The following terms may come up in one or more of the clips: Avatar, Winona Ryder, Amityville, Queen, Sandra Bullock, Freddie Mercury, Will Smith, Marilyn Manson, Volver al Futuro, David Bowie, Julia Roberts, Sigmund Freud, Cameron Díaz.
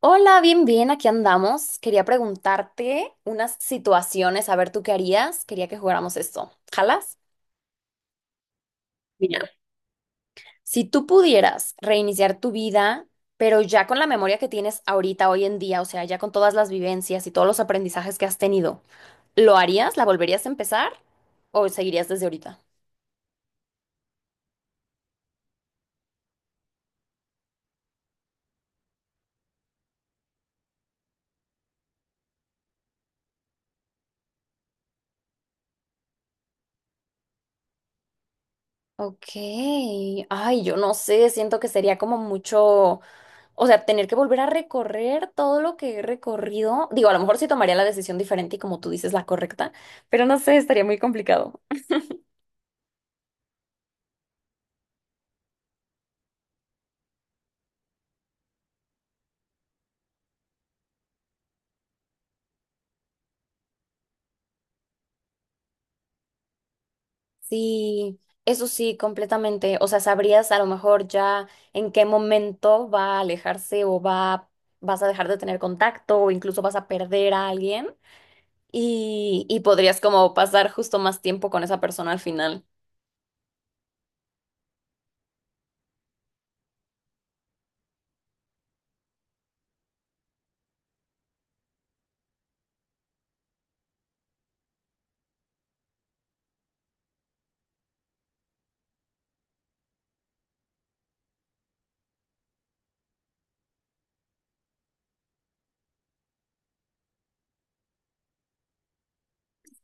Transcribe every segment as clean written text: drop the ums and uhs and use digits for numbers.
Hola, bien, bien, aquí andamos. Quería preguntarte unas situaciones, a ver tú qué harías. Quería que jugáramos esto. ¿Jalas? Mira, si tú pudieras reiniciar tu vida, pero ya con la memoria que tienes ahorita, hoy en día, o sea, ya con todas las vivencias y todos los aprendizajes que has tenido, ¿lo harías? ¿La volverías a empezar? ¿O seguirías desde ahorita? Ok, ay, yo no sé, siento que sería como mucho. O sea, tener que volver a recorrer todo lo que he recorrido. Digo, a lo mejor sí tomaría la decisión diferente y como tú dices, la correcta, pero no sé, estaría muy complicado. Sí, eso sí, completamente. O sea, sabrías a lo mejor ya en qué momento va a alejarse o va, vas a dejar de tener contacto o incluso vas a perder a alguien y podrías como pasar justo más tiempo con esa persona al final.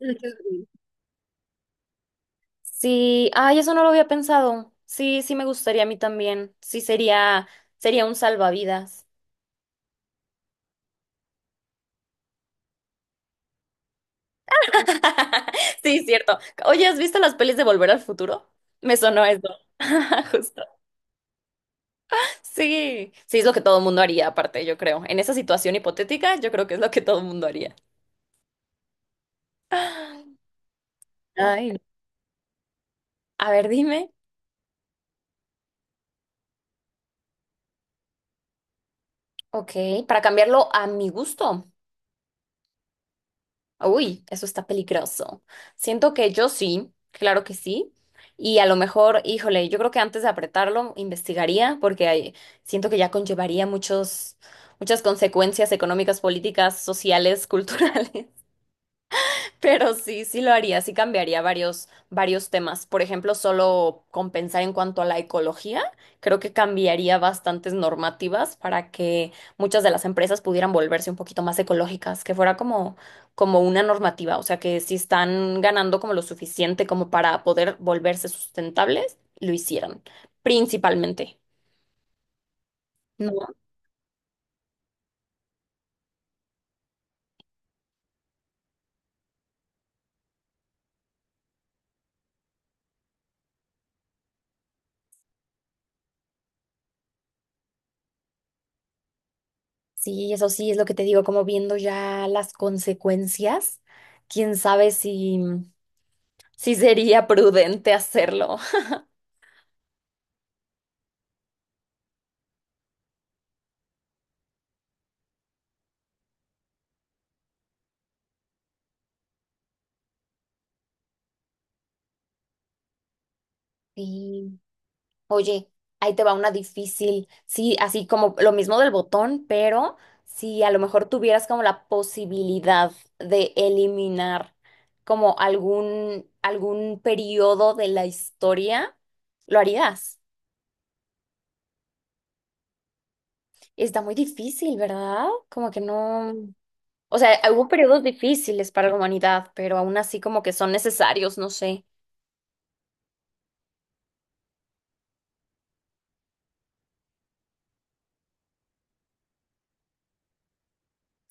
Sí, ay, eso no lo había pensado. Sí, sí me gustaría a mí también. Sí, sería, sería un salvavidas. Sí, cierto. Oye, ¿has visto las pelis de Volver al Futuro? Me sonó eso. Justo. Sí, sí, es lo que todo el mundo haría, aparte, yo creo. En esa situación hipotética, yo creo que es lo que todo el mundo haría. Ay. A ver, dime. Ok, para cambiarlo a mi gusto. Uy, eso está peligroso. Siento que yo sí, claro que sí. Y a lo mejor, híjole, yo creo que antes de apretarlo, investigaría, porque siento que ya conllevaría muchas consecuencias económicas, políticas, sociales, culturales. Pero sí, sí lo haría, sí cambiaría varios, varios temas. Por ejemplo, solo con pensar en cuanto a la ecología, creo que cambiaría bastantes normativas para que muchas de las empresas pudieran volverse un poquito más ecológicas, que fuera como, como una normativa, o sea, que si están ganando como lo suficiente como para poder volverse sustentables, lo hicieran, principalmente. No, sí, eso sí es lo que te digo, como viendo ya las consecuencias, quién sabe si... Sí sería prudente hacerlo. Sí. Oye, ahí te va una difícil. Sí, así como lo mismo del botón, pero si a lo mejor tuvieras como la posibilidad de eliminar como algún periodo de la historia, lo harías. Está muy difícil, ¿verdad? Como que no. O sea, hubo periodos difíciles para la humanidad, pero aún así como que son necesarios, no sé.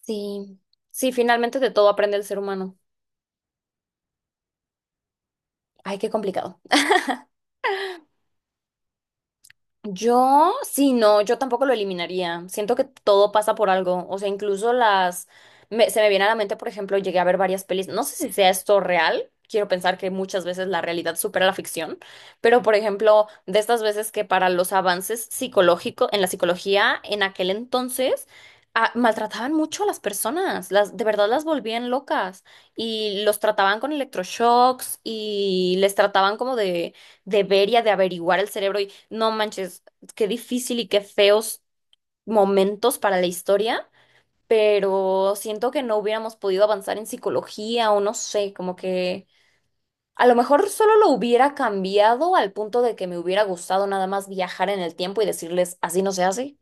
Sí, sí, finalmente de todo aprende el ser humano. Ay, qué complicado. Yo, sí, no, yo tampoco lo eliminaría. Siento que todo pasa por algo. O sea, incluso las... se me viene a la mente, por ejemplo, llegué a ver varias pelis. No sé si sea esto real. Quiero pensar que muchas veces la realidad supera la ficción. Pero, por ejemplo, de estas veces que para los avances psicológicos, en la psicología, en aquel entonces, ah, maltrataban mucho a las personas. Las, de verdad las volvían locas. Y los trataban con electroshocks y les trataban como de debería de averiguar el cerebro y no manches, qué difícil y qué feos momentos para la historia, pero siento que no hubiéramos podido avanzar en psicología o no sé, como que a lo mejor solo lo hubiera cambiado al punto de que me hubiera gustado nada más viajar en el tiempo y decirles, así no se hace,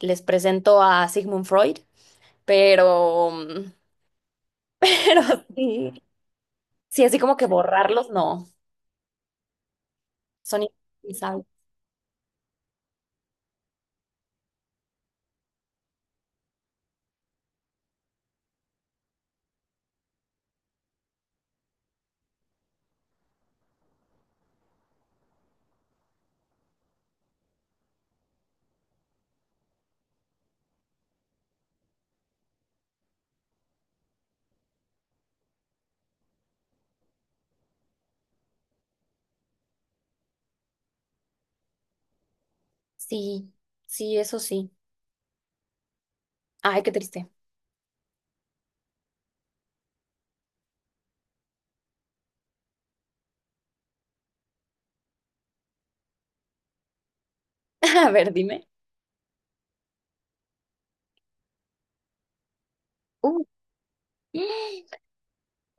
les presento a Sigmund Freud, pero, pero sí, sí, así como que borrarlos, no, son indispensables. Sí, sí, eso sí. Ay, qué triste. A ver, dime. Uh,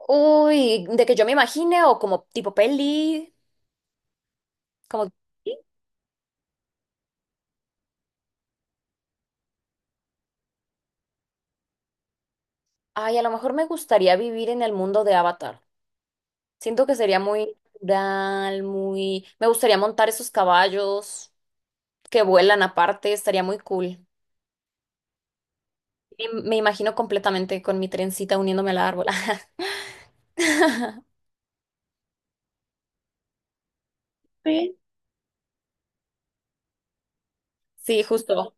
Uy, de que yo me imagine o como tipo peli, como... Ay, a lo mejor me gustaría vivir en el mundo de Avatar. Siento que sería muy natural, muy... Me gustaría montar esos caballos que vuelan aparte, estaría muy cool. Me imagino completamente con mi trencita uniéndome al árbol. Sí. Sí, justo.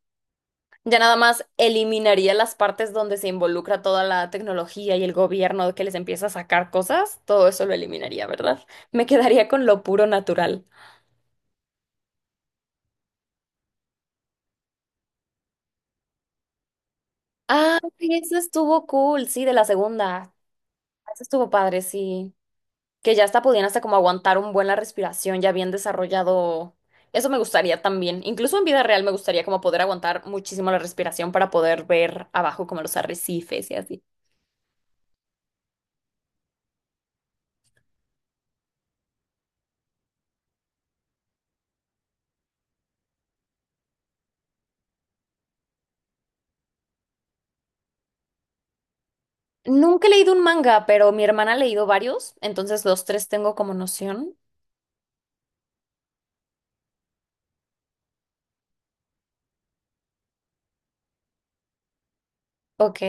Ya nada más eliminaría las partes donde se involucra toda la tecnología y el gobierno que les empieza a sacar cosas, todo eso lo eliminaría, ¿verdad? Me quedaría con lo puro natural. Ah, sí, eso estuvo cool, sí, de la segunda. Eso estuvo padre, sí. Que ya hasta podían hasta como aguantar un buen la respiración, ya bien desarrollado. Eso me gustaría también. Incluso en vida real me gustaría como poder aguantar muchísimo la respiración para poder ver abajo como los arrecifes y así. Nunca he leído un manga, pero mi hermana ha leído varios, entonces los tres tengo como noción. Ok.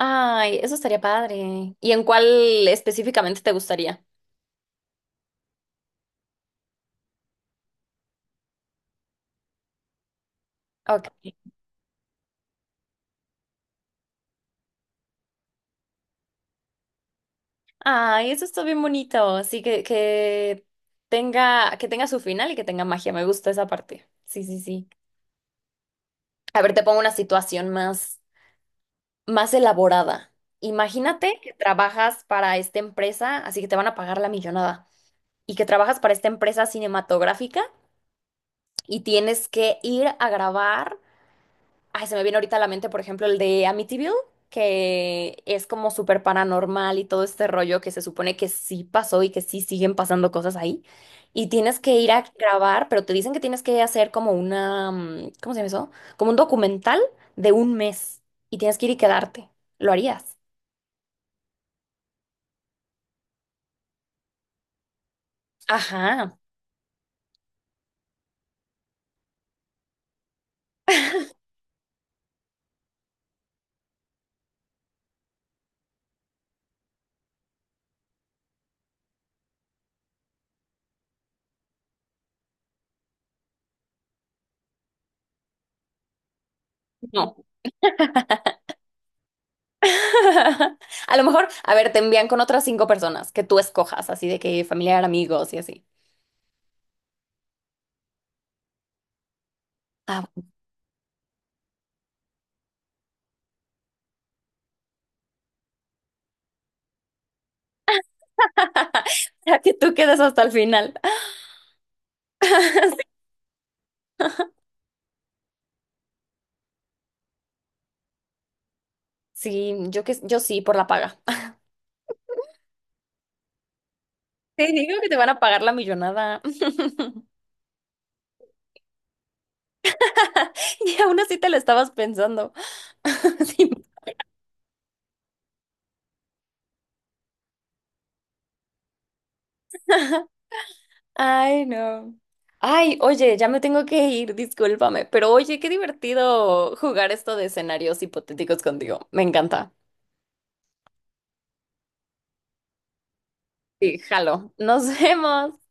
Ay, eso estaría padre. ¿Y en cuál específicamente te gustaría? Ok. Ay, eso está bien bonito. Así que, tenga, que tenga su final y que tenga magia. Me gusta esa parte. Sí, sí, sí. A ver, te pongo una situación más elaborada. Imagínate que trabajas para esta empresa, así que te van a pagar la millonada. Y que trabajas para esta empresa cinematográfica y tienes que ir a grabar. Ay, se me viene ahorita a la mente, por ejemplo, el de Amityville, que es como súper paranormal y todo este rollo que se supone que sí pasó y que sí siguen pasando cosas ahí. Y tienes que ir a grabar, pero te dicen que tienes que hacer como una, ¿cómo se llama eso? Como un documental de un mes y tienes que ir y quedarte. ¿Lo harías? Ajá, no. A lo mejor, a ver, te envían con otras cinco personas que tú escojas, así de que familiar, amigos y así. Ah, para que tú quedes hasta el final. Sí, yo que yo sí, por la paga. Te digo que te van a pagar la millonada. Y aún así te la estabas pensando. Sí. Ay, no. Ay, oye, ya me tengo que ir, discúlpame. Pero oye, qué divertido jugar esto de escenarios hipotéticos contigo. Me encanta. Sí, jalo. Nos vemos.